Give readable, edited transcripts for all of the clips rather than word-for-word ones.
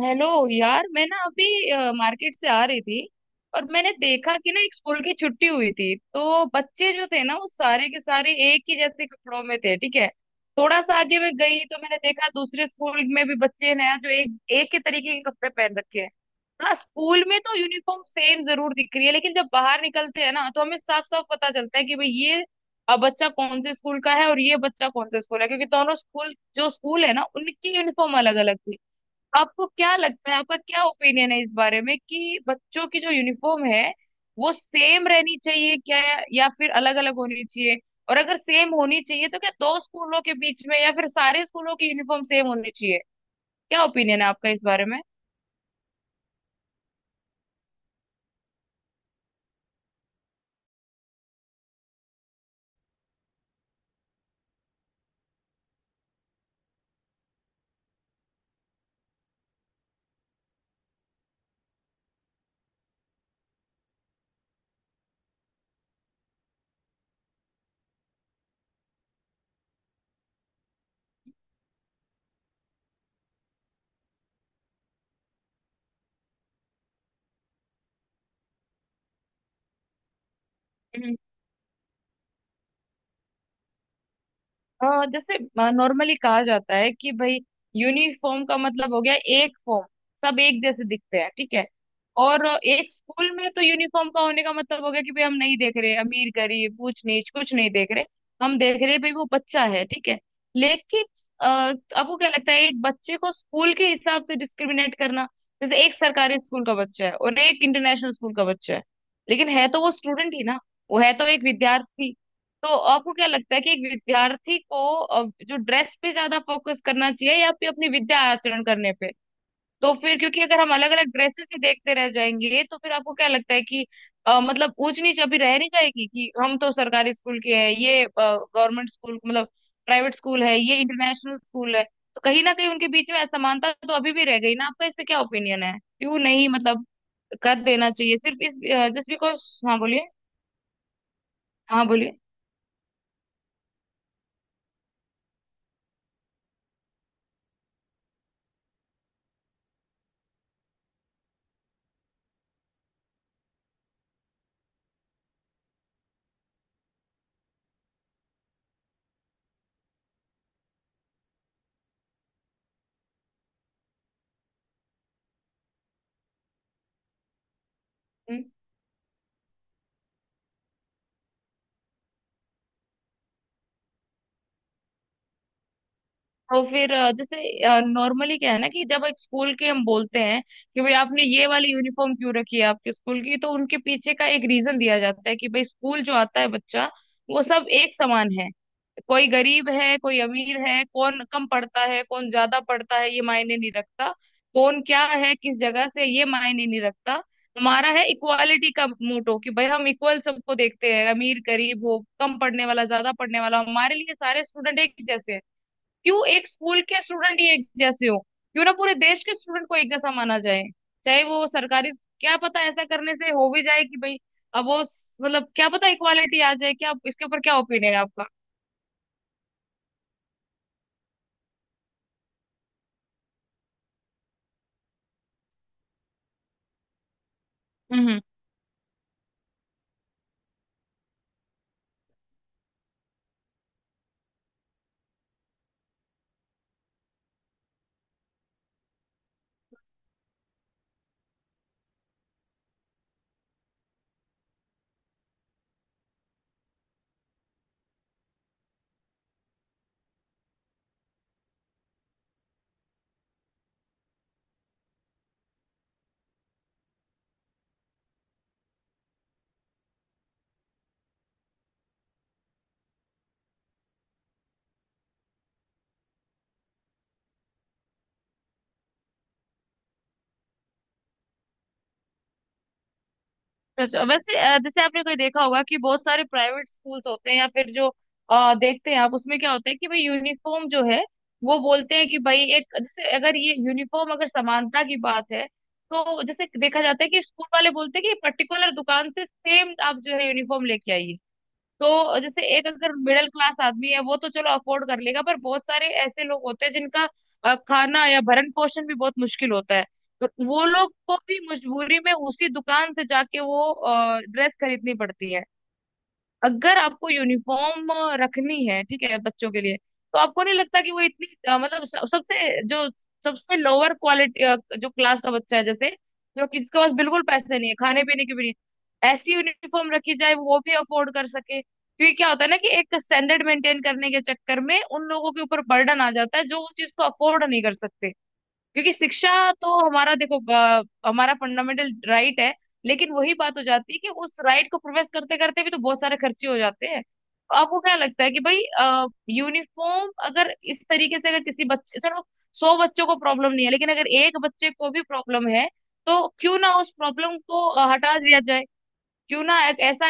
Hello यार। मैं ना अभी मार्केट से आ रही थी और मैंने देखा कि ना एक स्कूल की छुट्टी हुई थी तो बच्चे जो थे ना वो सारे के सारे एक ही जैसे कपड़ों में थे, ठीक है। थोड़ा सा आगे मैं गई तो मैंने देखा दूसरे स्कूल में भी बच्चे ने जो एक एक ही तरीके के कपड़े पहन रखे हैं। हाँ, स्कूल में तो यूनिफॉर्म सेम जरूर दिख रही है, लेकिन जब बाहर निकलते हैं ना तो हमें साफ साफ पता चलता है कि भाई ये बच्चा कौन से स्कूल का है और ये बच्चा कौन से स्कूल है, क्योंकि दोनों स्कूल जो स्कूल है ना उनकी यूनिफॉर्म अलग अलग थी। आपको क्या लगता है, आपका क्या ओपिनियन है इस बारे में कि बच्चों की जो यूनिफॉर्म है वो सेम रहनी चाहिए क्या, या फिर अलग अलग होनी चाहिए? और अगर सेम होनी चाहिए तो क्या दो स्कूलों के बीच में या फिर सारे स्कूलों की यूनिफॉर्म सेम होनी चाहिए? क्या ओपिनियन है आपका इस बारे में? जैसे नॉर्मली कहा जाता है कि भाई यूनिफॉर्म का मतलब हो गया एक फॉर्म, सब एक जैसे दिखते हैं, ठीक है। और एक स्कूल में तो यूनिफॉर्म का होने का मतलब हो गया कि भाई हम नहीं देख रहे अमीर गरीब ऊंच नीच, कुछ नहीं देख रहे। हम देख रहे भाई वो बच्चा है, ठीक है। लेकिन आपको क्या लगता है, एक बच्चे को स्कूल के हिसाब से डिस्क्रिमिनेट करना, जैसे एक सरकारी स्कूल का बच्चा है और एक इंटरनेशनल स्कूल का बच्चा है, लेकिन है तो वो स्टूडेंट ही ना। वो है तो एक विद्यार्थी। तो आपको क्या लगता है कि एक विद्यार्थी को जो ड्रेस पे ज्यादा फोकस करना चाहिए या फिर अपनी विद्या आचरण करने पे? तो फिर क्योंकि अगर हम अलग अलग ड्रेसेस ही देखते रह जाएंगे तो फिर आपको क्या लगता है कि मतलब ऊंच नीच अभी रह नहीं जाएगी कि हम तो सरकारी स्कूल के हैं, ये गवर्नमेंट स्कूल, मतलब प्राइवेट स्कूल है, ये इंटरनेशनल स्कूल है। तो कहीं ना कहीं उनके बीच में असमानता तो अभी भी रह गई ना। आपका इस पे क्या ओपिनियन है? क्यों नहीं मतलब कर देना चाहिए सिर्फ इस जिस भी को। हाँ, बोलिए। हाँ, बोलिए। हम्म। तो फिर जैसे नॉर्मली क्या है ना कि जब एक स्कूल की हम बोलते हैं कि भाई आपने ये वाली यूनिफॉर्म क्यों रखी है आपके स्कूल की, तो उनके पीछे का एक रीजन दिया जाता है कि भाई स्कूल जो आता है बच्चा, वो सब एक समान है। कोई गरीब है, कोई अमीर है, कौन कम पढ़ता है, कौन ज्यादा पढ़ता है, ये मायने नहीं रखता। कौन क्या है, किस जगह से, ये मायने नहीं रखता। हमारा है इक्वालिटी का मोटो कि भाई हम इक्वल सबको देखते हैं। अमीर गरीब हो, कम पढ़ने वाला ज्यादा पढ़ने वाला, हमारे लिए सारे स्टूडेंट एक ही जैसे हैं। क्यों एक स्कूल के स्टूडेंट ही एक जैसे हो? क्यों ना पूरे देश के स्टूडेंट को एक जैसा माना जाए, चाहे वो सरकारी। क्या पता ऐसा करने से हो भी जाए कि भाई अब वो मतलब, क्या पता इक्वालिटी आ जाए क्या। इसके ऊपर क्या ओपिनियन है आपका? हम्म, हम्म। अच्छा, वैसे जैसे आपने कोई देखा होगा कि बहुत सारे प्राइवेट स्कूल्स होते हैं, या फिर जो देखते हैं आप, उसमें क्या होता है कि भाई यूनिफॉर्म जो है, वो बोलते हैं कि भाई एक जैसे, अगर ये यूनिफॉर्म अगर समानता की बात है, तो जैसे देखा जाता है कि स्कूल वाले बोलते हैं कि पर्टिकुलर दुकान से सेम आप जो है यूनिफॉर्म लेके आइए। तो जैसे एक अगर मिडिल क्लास आदमी है वो तो चलो अफोर्ड कर लेगा, पर बहुत सारे ऐसे लोग होते हैं जिनका खाना या भरण पोषण भी बहुत मुश्किल होता है। तो वो लोग को भी मजबूरी में उसी दुकान से जाके वो ड्रेस खरीदनी पड़ती है। अगर आपको यूनिफॉर्म रखनी है, ठीक है, बच्चों के लिए, तो आपको नहीं लगता कि वो इतनी मतलब सबसे जो सबसे लोअर क्वालिटी जो क्लास का बच्चा है जैसे, जो कि जिसके पास बिल्कुल पैसे नहीं है, खाने पीने की भी नहीं, ऐसी यूनिफॉर्म रखी जाए वो भी अफोर्ड कर सके। क्योंकि क्या होता है ना कि एक स्टैंडर्ड मेंटेन करने के चक्कर में उन लोगों के ऊपर बर्डन आ जाता है जो उस चीज को अफोर्ड नहीं कर सकते। क्योंकि शिक्षा तो हमारा, देखो, हमारा फंडामेंटल राइट है। लेकिन वही बात हो जाती है कि उस राइट को प्रोफेस करते करते भी तो बहुत सारे खर्चे हो जाते हैं। तो आपको क्या लगता है कि भाई यूनिफॉर्म अगर इस तरीके से, अगर किसी बच्चे, चलो सौ बच्चों को प्रॉब्लम नहीं है, लेकिन अगर एक बच्चे को भी प्रॉब्लम है तो क्यों ना उस प्रॉब्लम को हटा दिया जाए। क्यों ना एक ऐसा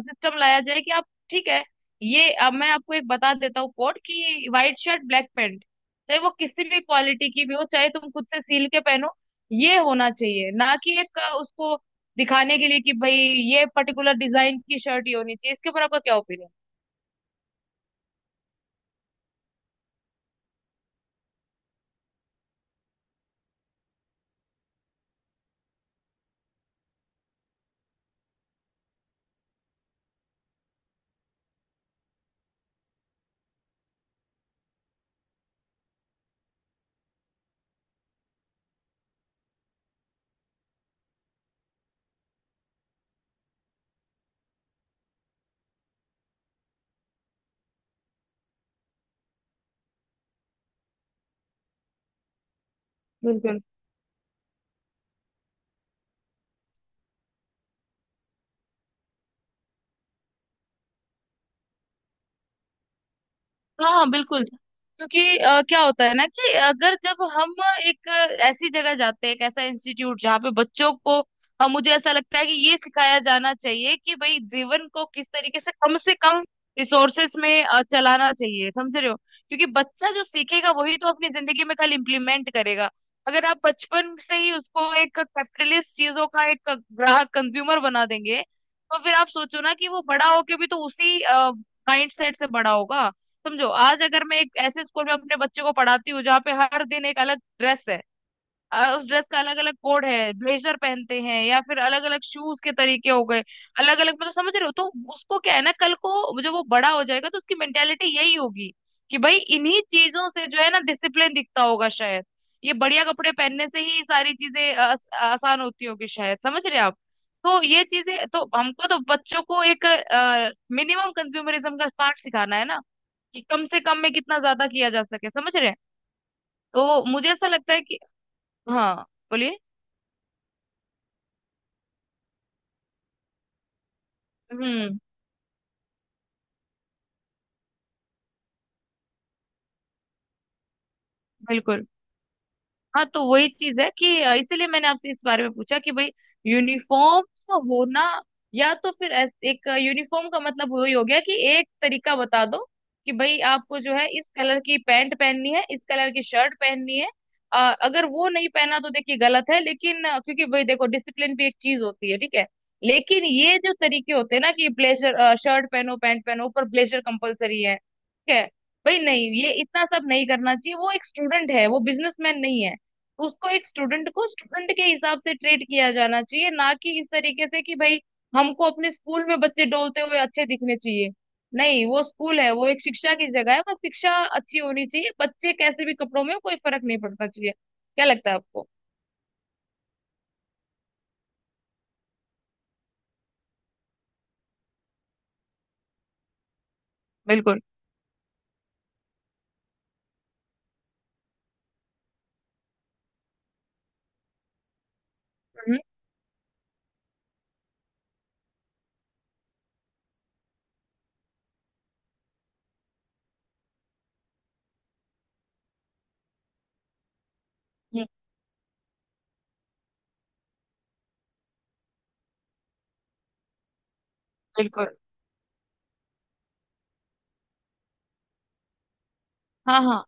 सिस्टम लाया जाए कि आप, ठीक है, ये अब मैं आपको एक बता देता हूँ कोड कि व्हाइट शर्ट ब्लैक पैंट, चाहे वो किसी भी क्वालिटी की भी हो, चाहे तुम खुद से सील के पहनो, ये होना चाहिए ना, कि एक उसको दिखाने के लिए कि भाई ये पर्टिकुलर डिजाइन की शर्ट ही होनी चाहिए। इसके ऊपर आपका क्या ओपिनियन? हाँ हाँ, बिल्कुल। क्योंकि क्या होता है ना कि अगर जब हम एक ऐसी जगह जाते हैं, एक ऐसा इंस्टीट्यूट जहाँ पे बच्चों को मुझे ऐसा लगता है कि ये सिखाया जाना चाहिए कि भाई जीवन को किस तरीके से कम रिसोर्सेस में चलाना चाहिए, समझ रहे हो, क्योंकि बच्चा जो सीखेगा वही तो अपनी जिंदगी में कल इम्प्लीमेंट करेगा। अगर आप बचपन से ही उसको एक कैपिटलिस्ट चीजों का एक ग्राहक कंज्यूमर बना देंगे, तो फिर आप सोचो ना कि वो बड़ा होके भी तो उसी माइंड सेट से बड़ा होगा। समझो आज अगर मैं एक ऐसे स्कूल में अपने बच्चे को पढ़ाती हूँ जहाँ पे हर दिन एक अलग ड्रेस है, उस ड्रेस का अलग अलग कोड है, ब्लेजर पहनते हैं, या फिर अलग अलग शूज के तरीके हो गए, अलग अलग, मतलब समझ रहे हो। तो उसको क्या है ना, कल को जब वो बड़ा हो जाएगा तो उसकी मेंटेलिटी यही होगी कि भाई इन्हीं चीजों से जो है ना डिसिप्लिन दिखता होगा शायद, ये बढ़िया कपड़े पहनने से ही सारी चीजें आसान होती होगी शायद, समझ रहे आप। तो ये चीजें तो हमको तो बच्चों को एक मिनिमम कंज्यूमरिज्म का पाठ सिखाना है ना, कि कम से कम में कितना ज्यादा किया जा सके, समझ रहे हैं। तो मुझे ऐसा लगता है कि हाँ बोलिए। हम्म। बिल्कुल। हाँ तो वही चीज है कि इसीलिए मैंने आपसे इस बारे में पूछा कि भाई यूनिफॉर्म होना, या तो फिर एक यूनिफॉर्म का मतलब वही हो गया कि एक तरीका बता दो कि भाई आपको जो है इस कलर की पैंट पहननी है, इस कलर की शर्ट पहननी है। अ, अगर वो नहीं पहना तो देखिए गलत है, लेकिन क्योंकि भाई देखो डिसिप्लिन भी एक चीज होती है, ठीक है। लेकिन ये जो तरीके होते हैं ना कि ब्लेजर शर्ट पहनो पैंट पहनो ऊपर ब्लेजर कंपलसरी है, ठीक है भाई, नहीं, ये इतना सब नहीं करना चाहिए। वो एक स्टूडेंट है, वो बिजनेसमैन नहीं है। उसको, एक स्टूडेंट को स्टूडेंट के हिसाब से ट्रीट किया जाना चाहिए, ना कि इस तरीके से कि भाई हमको अपने स्कूल में बच्चे डोलते हुए अच्छे दिखने चाहिए। नहीं, वो स्कूल है, वो एक शिक्षा की जगह है, बस शिक्षा अच्छी होनी चाहिए। बच्चे कैसे भी कपड़ों में हो, कोई फर्क नहीं पड़ता चाहिए। क्या लगता है आपको? बिल्कुल। हम्म, हम्म, बिल्कुल। हाँ हाँ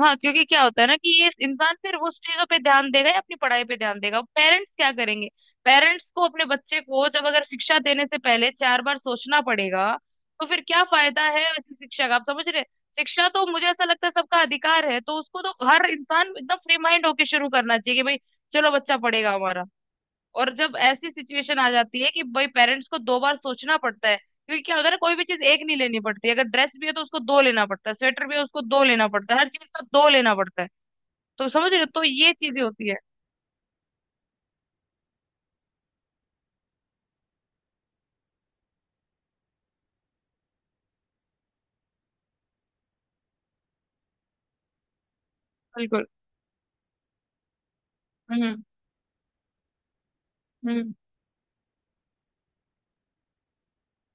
हाँ, क्योंकि क्या होता है ना कि ये इंसान फिर उस चीजों पे ध्यान देगा या अपनी पढ़ाई पे ध्यान देगा? पेरेंट्स क्या करेंगे? पेरेंट्स को अपने बच्चे को जब अगर शिक्षा देने से पहले चार बार सोचना पड़ेगा, तो फिर क्या फायदा है ऐसी शिक्षा का, आप समझ रहे हैं? शिक्षा तो मुझे ऐसा लगता है सबका अधिकार है, तो उसको तो हर इंसान एकदम फ्री माइंड होके शुरू करना चाहिए कि भाई चलो बच्चा पढ़ेगा हमारा। और जब ऐसी सिचुएशन आ जाती है कि भाई पेरेंट्स को दो बार सोचना पड़ता है, क्योंकि क्या होता है ना, कोई भी चीज एक नहीं लेनी पड़ती, अगर ड्रेस भी है तो उसको दो लेना पड़ता है, स्वेटर भी है उसको दो लेना पड़ता है, हर चीज का दो लेना पड़ता है। तो समझ रहे हो, तो ये चीजें होती है। बिल्कुल। हम्म, हम्म।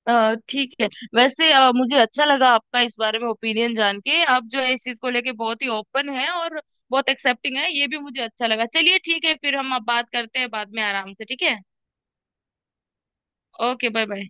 ठीक है। वैसे मुझे अच्छा लगा आपका इस बारे में ओपिनियन जान के। आप जो है इस चीज को लेके बहुत ही ओपन है और बहुत एक्सेप्टिंग है, ये भी मुझे अच्छा लगा। चलिए ठीक है, फिर हम अब बात करते हैं बाद में आराम से, ठीक है। Okay, bye bye.